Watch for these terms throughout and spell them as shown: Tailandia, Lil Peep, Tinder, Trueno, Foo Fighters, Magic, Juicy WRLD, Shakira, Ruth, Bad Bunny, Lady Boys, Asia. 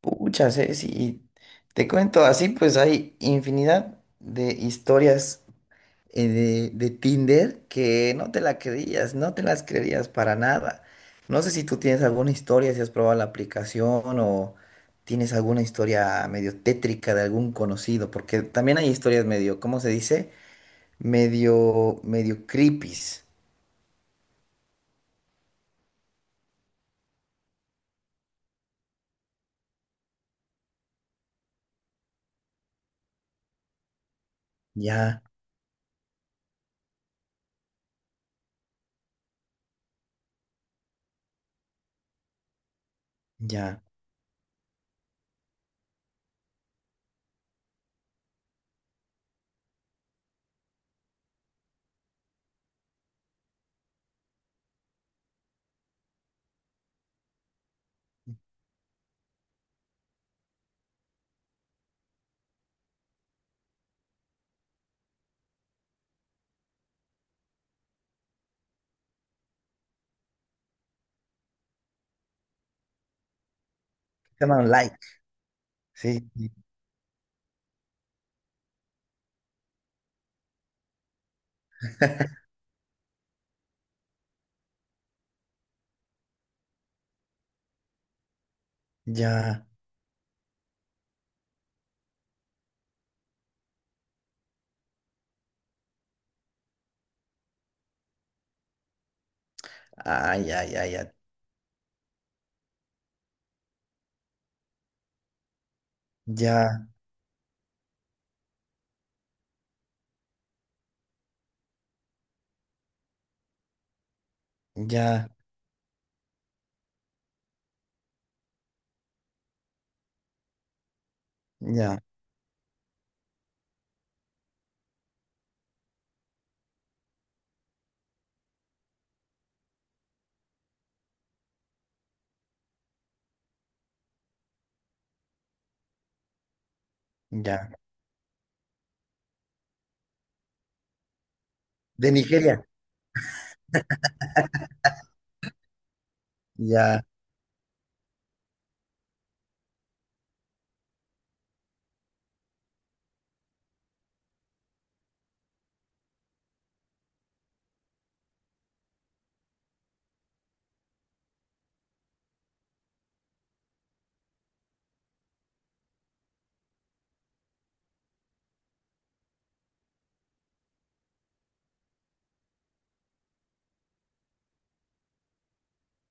Pucha, Ceci, te cuento así, pues hay infinidad de historias de Tinder que no te la creías, no te las creerías para nada. No sé si tú tienes alguna historia, si has probado la aplicación o tienes alguna historia medio tétrica de algún conocido, porque también hay historias medio, ¿cómo se dice? Medio, medio creepies. Ya, ya. Se llaman like, sí, sí, ya. Ay, ay, ay, ay, ya, ya. Ya, ya. De Nigeria. Ya.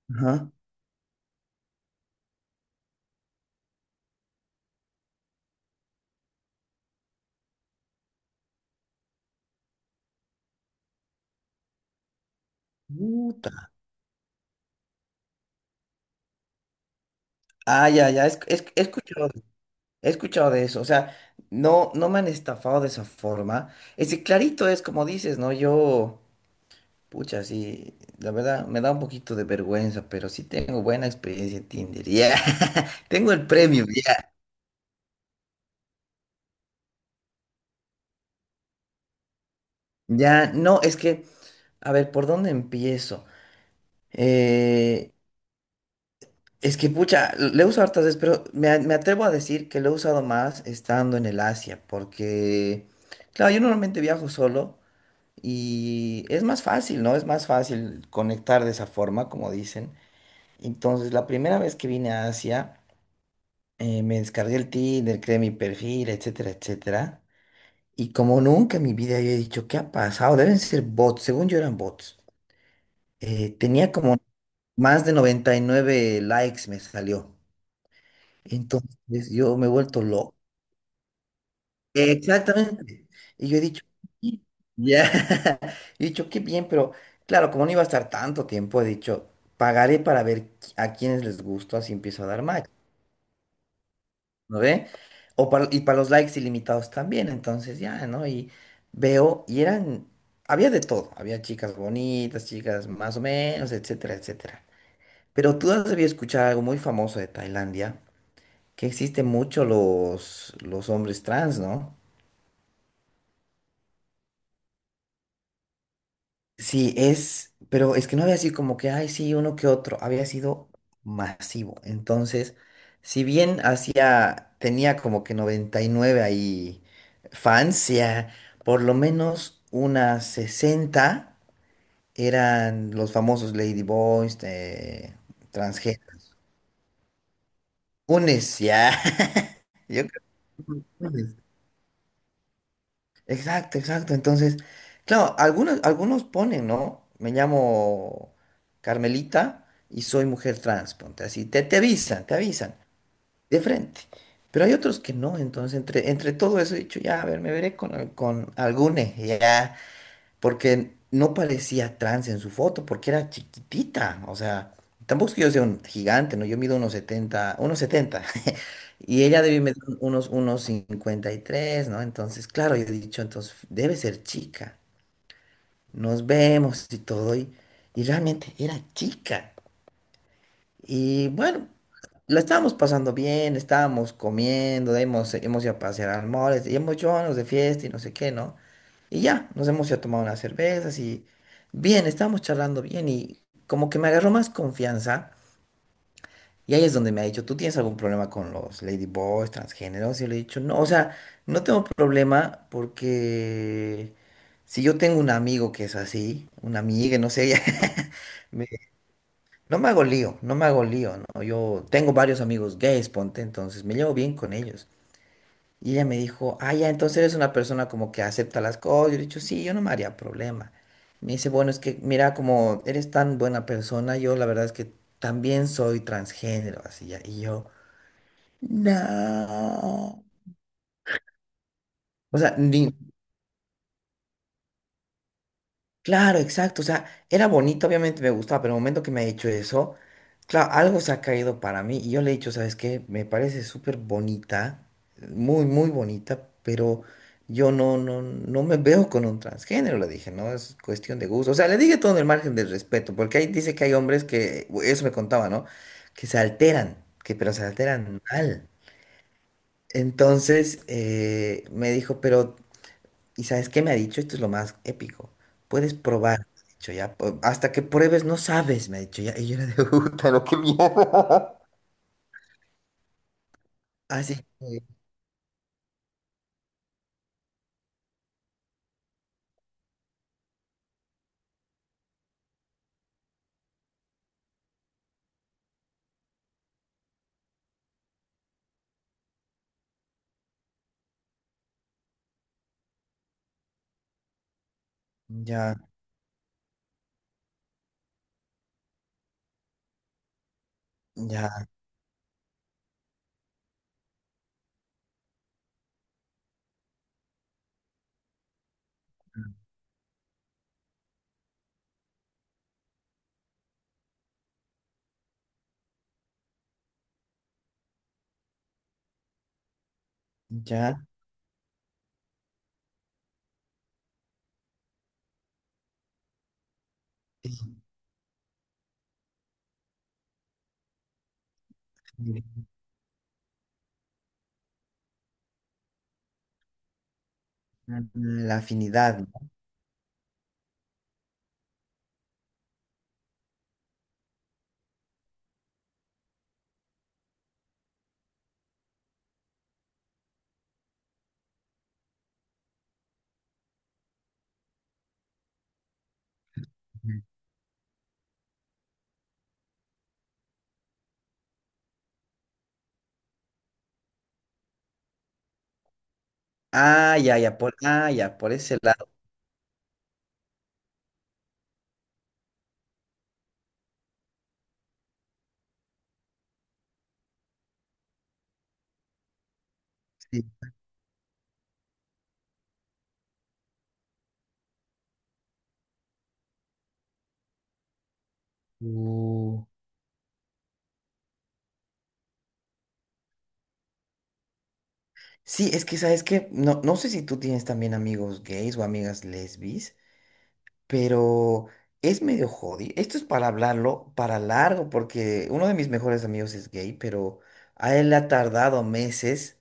Ajá. Puta. Ah, ya, ya. He escuchado, he escuchado de eso. O sea, no, no me han estafado de esa forma. Ese clarito es como dices, ¿no? Yo, pucha, sí, la verdad, me da un poquito de vergüenza, pero sí tengo buena experiencia en Tinder. Ya. Tengo el premio, ya. Ya, no, es que, a ver, ¿por dónde empiezo? Eh, Es que, pucha, le uso hartas veces, pero me atrevo a decir que lo he usado más estando en el Asia, porque, claro, yo normalmente viajo solo y es más fácil, ¿no? Es más fácil conectar de esa forma, como dicen. Entonces, la primera vez que vine a Asia, me descargué el Tinder, creé mi perfil, etcétera, etcétera. Y como nunca en mi vida había dicho, ¿qué ha pasado? Deben ser bots, según yo eran bots. Tenía como más de 99 likes, me salió. Entonces yo me he vuelto loco. Exactamente. Y yo he dicho, "Sí", ya, he dicho, qué bien, pero claro, como no iba a estar tanto tiempo, he dicho, pagaré para ver a quienes les gusta, así empiezo a dar match, ¿no ve? O para, y para los likes ilimitados también, entonces ya, ¿no? Y veo, había de todo, había chicas bonitas, chicas más o menos, etcétera, etcétera. Pero tú has debido escuchar algo muy famoso de Tailandia, que existen mucho los hombres trans, ¿no? Sí, es, pero es que no había sido como que, ay, sí, uno que otro, había sido masivo. Entonces, si bien tenía como que 99 ahí fans, ya por lo menos unas 60 eran los famosos Lady Boys, transgénero, unes, ya, yo creo que unes. Exacto, exacto. Entonces, claro, algunos ponen, ¿no? Me llamo Carmelita y soy mujer trans, ponte así. Te avisan, te avisan, de frente. Pero hay otros que no, entonces entre todo eso he dicho, ya, a ver, me veré con, con algune, ya porque no parecía trans en su foto, porque era chiquitita, o sea, tampoco es que yo sea un gigante, ¿no? Yo mido unos setenta, y ella debe medir unos 53, ¿no? Entonces, claro, yo he dicho, entonces, debe ser chica, nos vemos y todo, y realmente era chica. Y bueno, la estábamos pasando bien, estábamos comiendo, de ahí hemos ido a pasear al mall, este, y hemos hecho unos de fiesta y no sé qué, ¿no? Y ya, nos hemos ido a tomar unas cervezas y bien, estábamos charlando bien y como que me agarró más confianza. Y ahí es donde me ha dicho, ¿tú tienes algún problema con los ladyboys, transgéneros? Y le he dicho, no, o sea, no tengo problema porque si yo tengo un amigo que es así, una amiga, no sé, me- no me hago lío, no me hago lío, ¿no? Yo tengo varios amigos gays, ponte, entonces me llevo bien con ellos. Y ella me dijo, ah, ya, entonces eres una persona como que acepta las cosas. Yo le he dicho, sí, yo no me haría problema. Me dice, bueno, es que mira, como eres tan buena persona, yo la verdad es que también soy transgénero, así ya. Y yo, no. O sea, ni, claro, exacto. O sea, era bonito, obviamente me gustaba, pero el momento que me ha hecho eso, claro, algo se ha caído para mí. Y yo le he dicho, ¿sabes qué? Me parece súper bonita, muy, muy bonita, pero yo no, no, no me veo con un transgénero, le dije, ¿no? Es cuestión de gusto. O sea, le dije todo en el margen del respeto, porque ahí dice que hay hombres que, eso me contaba, ¿no? Que se alteran, que pero se alteran mal. Entonces me dijo, pero. ¿Y sabes qué me ha dicho? Esto es lo más épico. Puedes probar, me ha dicho ya. Hasta que pruebes no sabes, me ha dicho ya. Y yo era de puta, no, qué mierda. Así que ya, ya, ya. eh, La afinidad, ¿no? Ah, ya, ya, por, ah, ya, por ese lado. Sí, Uh, sí, es que, ¿sabes qué? No, no sé si tú tienes también amigos gays o amigas lesbis. Pero es medio jodido. Esto es para hablarlo para largo, porque uno de mis mejores amigos es gay, pero a él le ha tardado meses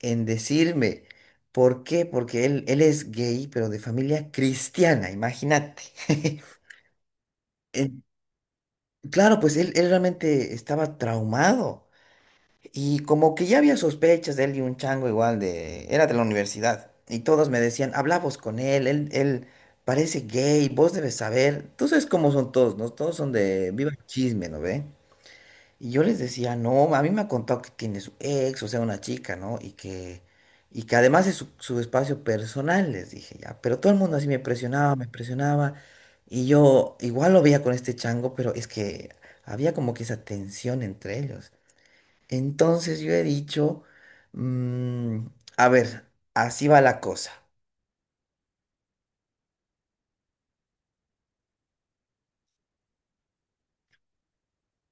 en decirme. ¿Por qué? Porque él es gay, pero de familia cristiana, imagínate. Eh, claro, pues él realmente estaba traumado. Y como que ya había sospechas de él y un chango igual de... Era de la universidad. Y todos me decían, hablamos con él, parece gay, vos debes saber. Tú sabes cómo son todos, ¿no? Todos son de viva el chisme, ¿no ve? Y yo les decía, no, a mí me ha contado que tiene su ex, o sea, una chica, ¿no? Y que además es su, su espacio personal, les dije ya. Pero todo el mundo así me presionaba, me presionaba. Y yo igual lo veía con este chango, pero es que había como que esa tensión entre ellos. Entonces yo he dicho, mm, a ver, así va la cosa.